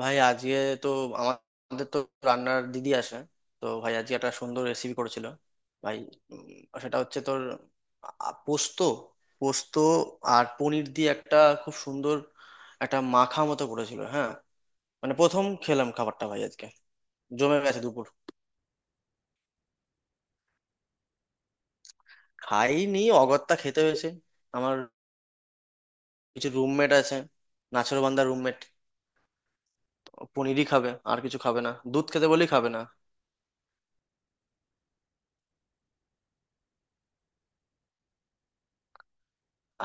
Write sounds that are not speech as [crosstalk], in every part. ভাই আজকে তো আমাদের তো রান্নার দিদি আসে। তো ভাই আজকে একটা সুন্দর রেসিপি করেছিল ভাই। উম, সেটা হচ্ছে তোর পোস্ত পোস্ত আর পনির দিয়ে একটা খুব সুন্দর একটা মাখা মতো করেছিল, হ্যাঁ। মানে প্রথম খেলাম খাবারটা ভাই, আজকে জমে গেছে দুপুর। খাইনি, অগত্যা খেতে হয়েছে। আমার কিছু রুমমেট আছে, নাছোড়বান্দার রুমমেট, পনিরই খাবে আর কিছু খাবে না, দুধ খেতে বলেই খাবে না।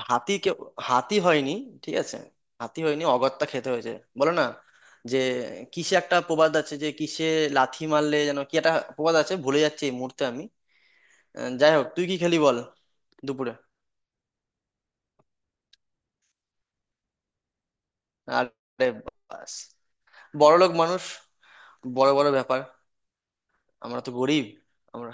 হাতি কেউ হাতি হয়নি, ঠিক আছে। হাতি হয়নি, অগত্যা খেতে হয়েছে। বলো না যে কিসে একটা প্রবাদ আছে, যে কিসে লাথি মারলে যেন, কি একটা প্রবাদ আছে, ভুলে যাচ্ছি এই মুহূর্তে আমি। যাই হোক, তুই কি খেলি বল দুপুরে। আরে, বাস, বড়লোক মানুষ, বড় বড় ব্যাপার। আমরা তো গরিব। আমরা,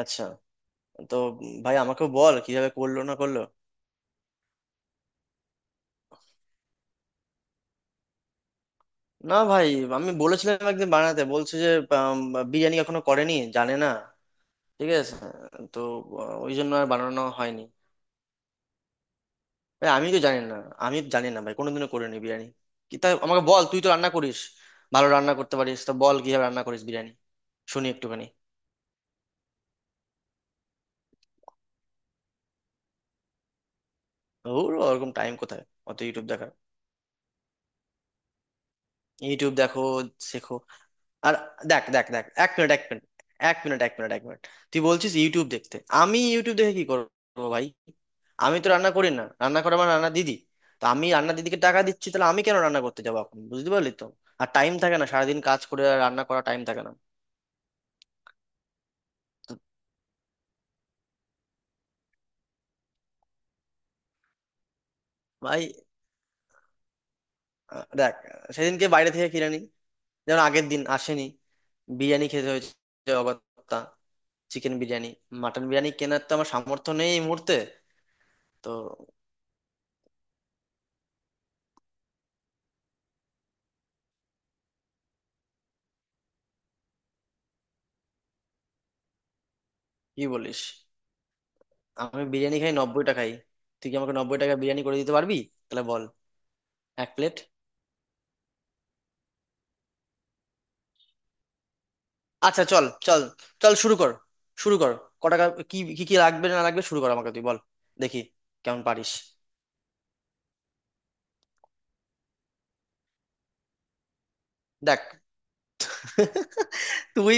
আচ্ছা। তো ভাই, আমাকেও বল কিভাবে করলো না করলো। না ভাই, আমি বলেছিলাম একদিন বানাতে, বলছে যে আম, বিরিয়ানি এখনো করেনি, জানে না, ঠিক আছে। তো ওই জন্য আর বানানো হয়নি। ভাই আমি তো জানি না, আমি জানি না ভাই, কোনোদিনও করিনি বিরিয়ানি। কি তা আমাকে বল, তুই তো রান্না করিস, ভালো রান্না করতে পারিস, তো বল কিভাবে রান্না করিস বিরিয়ানি, শুনি একটুখানি। ওর ওরকম টাইম কোথায় অত ইউটিউব দেখা। ইউটিউব দেখো, শেখো। আর দেখ দেখ দেখ, 1 মিনিট, 1 মিনিট, 1 মিনিট, এক মিনিট, এক মিনিট। তুই বলছিস ইউটিউব দেখতে, আমি ইউটিউব দেখে কি করবো ভাই? আমি তো রান্না করি না, রান্না করে আমার রান্না দিদি। তো আমি রান্না দিদিকে টাকা দিচ্ছি, তাহলে আমি কেন রান্না করতে যাবো এখন, বুঝতে পারলি তো। আর টাইম থাকে না, সারাদিন কাজ করে আর রান্না করা টাইম থাকে না। ভাই, দেখ, সেদিনকে বাইরে থেকে কিনে নিই, যেমন আগের দিন আসেনি, বিরিয়ানি খেতে হয়েছে অগত্যা, চিকেন বিরিয়ানি। মাটন বিরিয়ানি কেনার তো আমার সামর্থ্য নেই এই মুহূর্তে। তো কি বলিস? আমি বিরিয়ানি খাই 90 টাকাই, তুই কি আমাকে 90 টাকা বিরিয়ানি করে দিতে পারবি? তাহলে বল। এক প্লেট। আচ্ছা, চল চল, চল শুরু কর, শুরু কর। ক টাকা, কি কি কি লাগবে না লাগবে, শুরু কর, আমাকে তুই বল, দেখি কেমন পারিস। দেখ [laughs] তুই,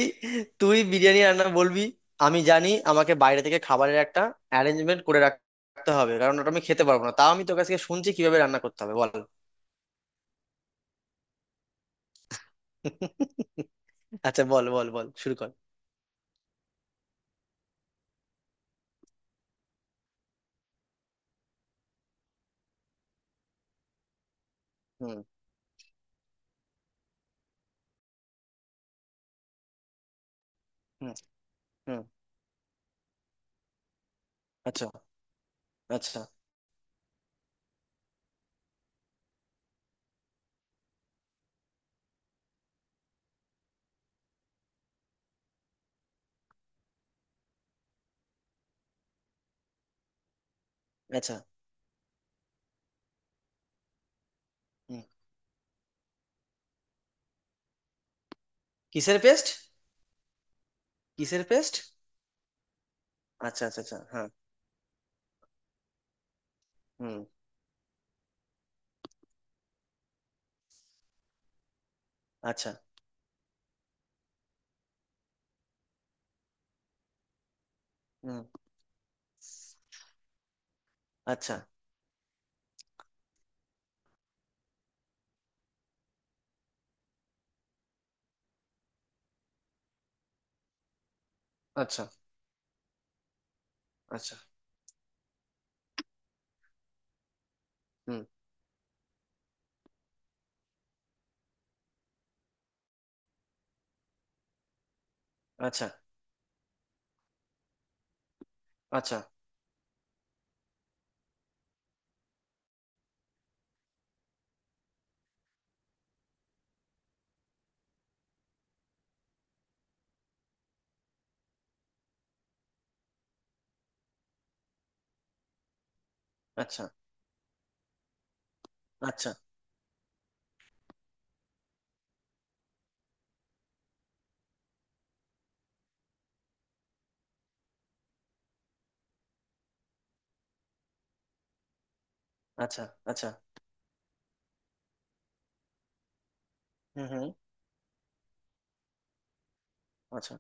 তুই বিরিয়ানি রান্না বলবি, আমি জানি আমাকে বাইরে থেকে খাবারের একটা অ্যারেঞ্জমেন্ট করে রাখতে হবে, কারণ ওটা আমি খেতে পারবো না। তাও আমি তোর কাছ থেকে শুনছি কিভাবে রান্না করতে হবে, বল। [laughs] আচ্ছা বল বল বল, শুরু কর। হুম। হুম। হুম। আচ্ছা। আচ্ছা। আচ্ছা। কিসের পেস্ট? কিসের পেস্ট? আচ্ছা আচ্ছা আচ্ছা, হ্যাঁ। হুম। আচ্ছা। হুম। আচ্ছা। আচ্ছা। আচ্ছা। হুম। আচ্ছা। আচ্ছা। আচ্ছা। আচ্ছা। আচ্ছা। আচ্ছা। হুম। হুম। আচ্ছা।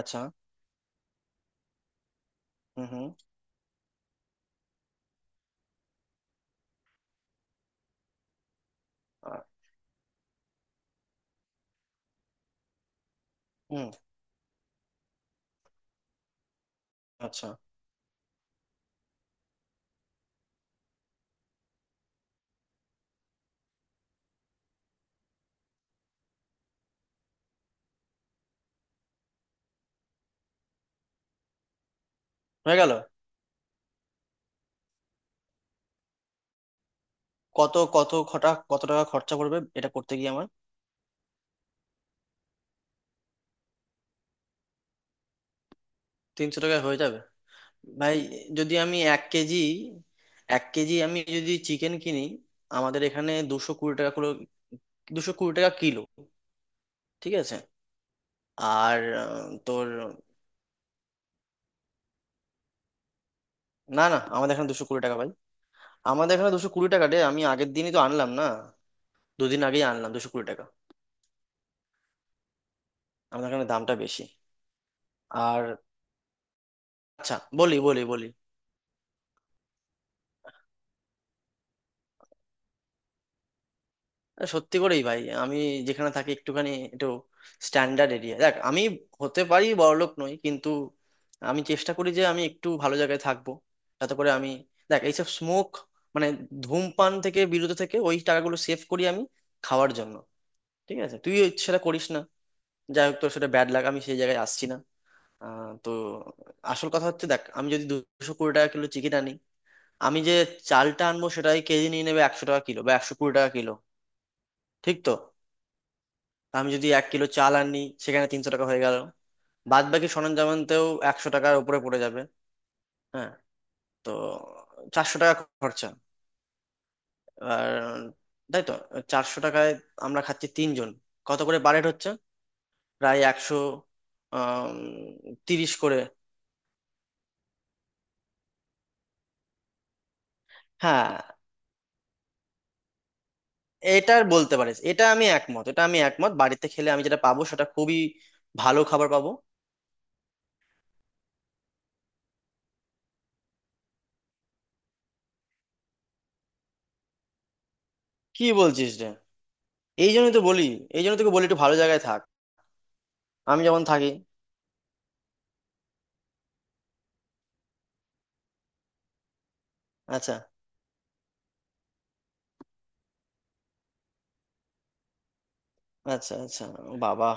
আচ্ছা। হুম। হুম। আ-। হুম। আচ্ছা। হয়ে গেল। কত কত খটা কত টাকা খরচা পড়বে এটা করতে গিয়ে আমার? 300 টাকায় হয়ে যাবে? ভাই যদি আমি 1 কেজি, 1 কেজি আমি যদি চিকেন কিনি, আমাদের এখানে 220 টাকা কিলো। 220 টাকা কিলো, ঠিক আছে। আর তোর। না না, আমাদের এখানে 220 টাকা ভাই, আমাদের এখানে 220 টাকা রে, আমি আগের দিনই তো আনলাম না, দুদিন আগেই আনলাম 220 টাকা। আমাদের এখানে দামটা বেশি। আর আচ্ছা বলি বলি বলি, আরে সত্যি করেই ভাই আমি যেখানে থাকি, একটুখানি, একটু স্ট্যান্ডার্ড এরিয়া, দেখ আমি হতে পারি বড়লোক নই, কিন্তু আমি চেষ্টা করি যে আমি একটু ভালো জায়গায় থাকবো, যাতে করে আমি, দেখ, এইসব স্মোক মানে ধূমপান থেকে বিরত থেকে ওই টাকাগুলো সেভ করি আমি খাওয়ার জন্য। ঠিক আছে, তুই সেটা করিস না, যাই হোক তোর সেটা ব্যাড লাগ, আমি সেই জায়গায় আসছি না। তো আসল কথা হচ্ছে, দেখ, আমি যদি 220 টাকা কিলো চিকেন আনি, আমি যে চালটা আনবো সেটাই কেজি নিয়ে নেবে 100 টাকা কিলো বা 120 টাকা কিলো, ঠিক তো? আমি যদি 1 কিলো চাল আনি, সেখানে 300 টাকা হয়ে গেল। বাদ বাকি সরঞ্জামানতেও 100 টাকার উপরে পড়ে যাবে। হ্যাঁ, তো 400 টাকা খরচা। আর তাই তো, 400 টাকায় আমরা খাচ্ছি তিনজন, কত করে বারেট হচ্ছে? প্রায় 100 আহ 30 করে। হ্যাঁ। এটার বলতে পারিস, এটা আমি একমত, এটা আমি একমত, বাড়িতে খেলে আমি যেটা পাবো সেটা খুবই ভালো খাবার পাবো। কি বলছিস রে? এই জন্যই তো বলি, এই জন্য তোকে বলি একটু ভালো জায়গায় থাক আমি যেমন থাকি। আচ্ছা আচ্ছা আচ্ছা। ও বাবা।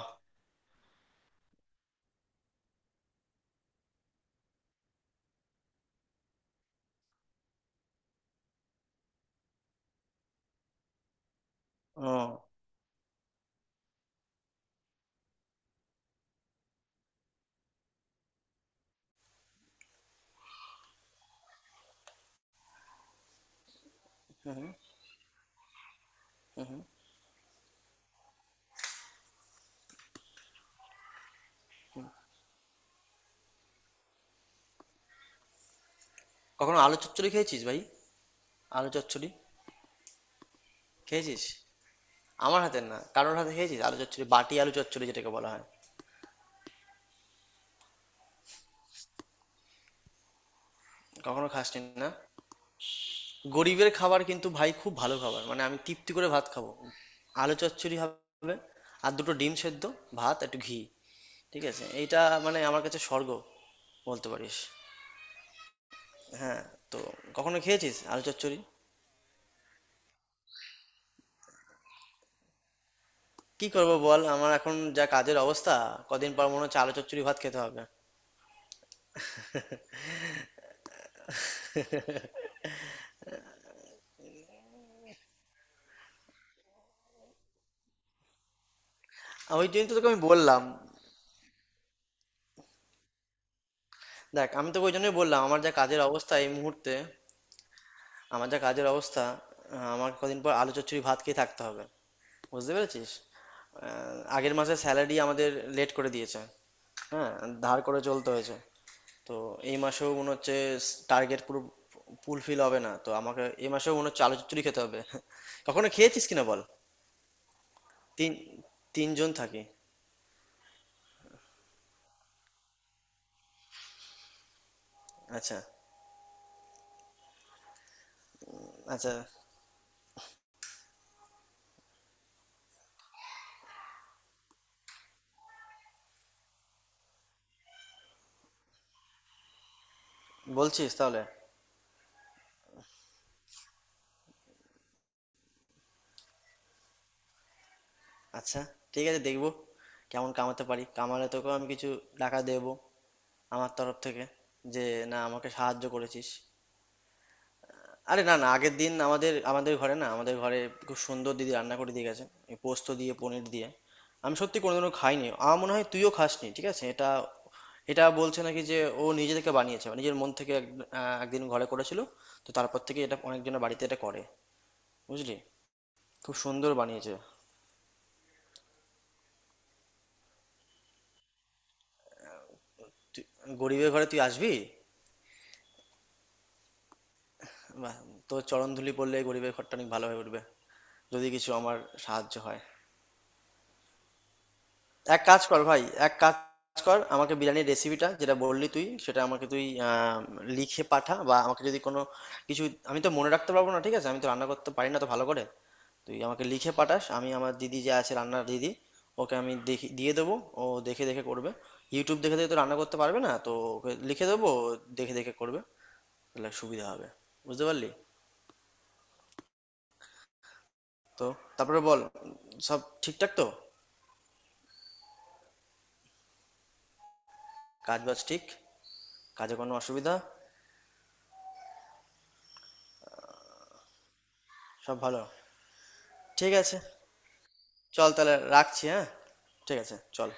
ও। হুম হুম। হুম, হুম। কখনো আলু চচ্চড়ি খেয়েছিস ভাই? আলু চচ্চড়ি খেয়েছিস? আমার হাতের না, কারোর হাতে খেয়েছিস আলু চচ্চড়ি, বাটি আলু চচ্চড়ি যেটাকে বলা হয়? কখনো খাসনি না? গরিবের খাবার কিন্তু ভাই, খুব ভালো খাবার, মানে আমি তৃপ্তি করে ভাত খাবো। আলু চচ্চড়ি হবে, আর দুটো ডিম সেদ্ধ, ভাত, একটু ঘি, ঠিক আছে, এইটা মানে আমার কাছে স্বর্গ বলতে পারিস। হ্যাঁ। তো কখনো খেয়েছিস আলু চচ্চড়ি? কি করবো বল, আমার এখন যা কাজের অবস্থা, কদিন পর মনে হচ্ছে আলু চচ্চড়ি ভাত খেতে হবে। আর ওই জন্য তো তোকে আমি বললাম, দেখ আমি তোকে ওই জন্যই বললাম, আমার যা কাজের অবস্থা এই মুহূর্তে, আমার যা কাজের অবস্থা, আমার কদিন পর আলু চচ্চড়ি ভাত খেয়ে থাকতে হবে, বুঝতে পেরেছিস? আগের মাসে স্যালারি আমাদের লেট করে দিয়েছে, হ্যাঁ, ধার করে চলতে হয়েছে। তো এই মাসেও মনে হচ্ছে টার্গেট পুরো ফুলফিল হবে না, তো আমাকে এই মাসেও মনে হচ্ছে আলু চচ্চড়ি খেতে হবে। কখনো খেয়েছিস কিনা বল। তিন, তিনজন থাকি। আচ্ছা। আচ্ছা। বলছিস তাহলে? আচ্ছা, ঠিক আছে, দেখবো কেমন কামাতে পারি, কামালে তোকেও আমি কিছু টাকা দেবো আমার তরফ থেকে, যে না, আমাকে সাহায্য করেছিস। আরে না না, আগের দিন আমাদের আমাদের ঘরে, না, আমাদের ঘরে খুব সুন্দর দিদি রান্না করে দিয়ে গেছে, এই পোস্ত দিয়ে পনির দিয়ে। আমি সত্যি কোনোদিনও খাইনি, আমার মনে হয় তুইও খাসনি, ঠিক আছে। এটা এটা বলছে নাকি যে ও নিজে থেকে বানিয়েছে, মানে নিজের মন থেকে এক- একদিন ঘরে করেছিল, তো তারপর থেকে এটা অনেকজনের বাড়িতে এটা করে, বুঝলি, খুব সুন্দর বানিয়েছে। তুই গরিবের ঘরে তুই আসবি? বাহ, তোর চরণ ধুলি পড়লে এই গরিবের ঘরটা অনেক ভালো হয়ে উঠবে, যদি কিছু আমার সাহায্য হয়। এক কাজ কর ভাই, এক কাজ কর, আমাকে বিরিয়ানির রেসিপিটা যেটা বললি তুই, সেটা আমাকে তুই লিখে পাঠা, বা আমাকে যদি কোনো কিছু, আমি তো মনে রাখতে পারবো না, ঠিক আছে, আমি তো রান্না করতে পারি না, তো ভালো করে তুই আমাকে লিখে পাঠাস, আমি আমার দিদি যে আছে রান্নার দিদি, ওকে আমি দেখি দিয়ে দেবো, ও দেখে দেখে করবে, ইউটিউব দেখে দেখে তো রান্না করতে পারবে না, তো ওকে লিখে দেবো, ও দেখে দেখে করবে, তাহলে সুবিধা হবে, বুঝতে পারলি। তো তারপরে বল, সব ঠিকঠাক তো? কাজ বাজ ঠিক? কাজে কোনো অসুবিধা? সব ভালো, ঠিক আছে, চল তাহলে, রাখছি, হ্যাঁ, ঠিক আছে, চল।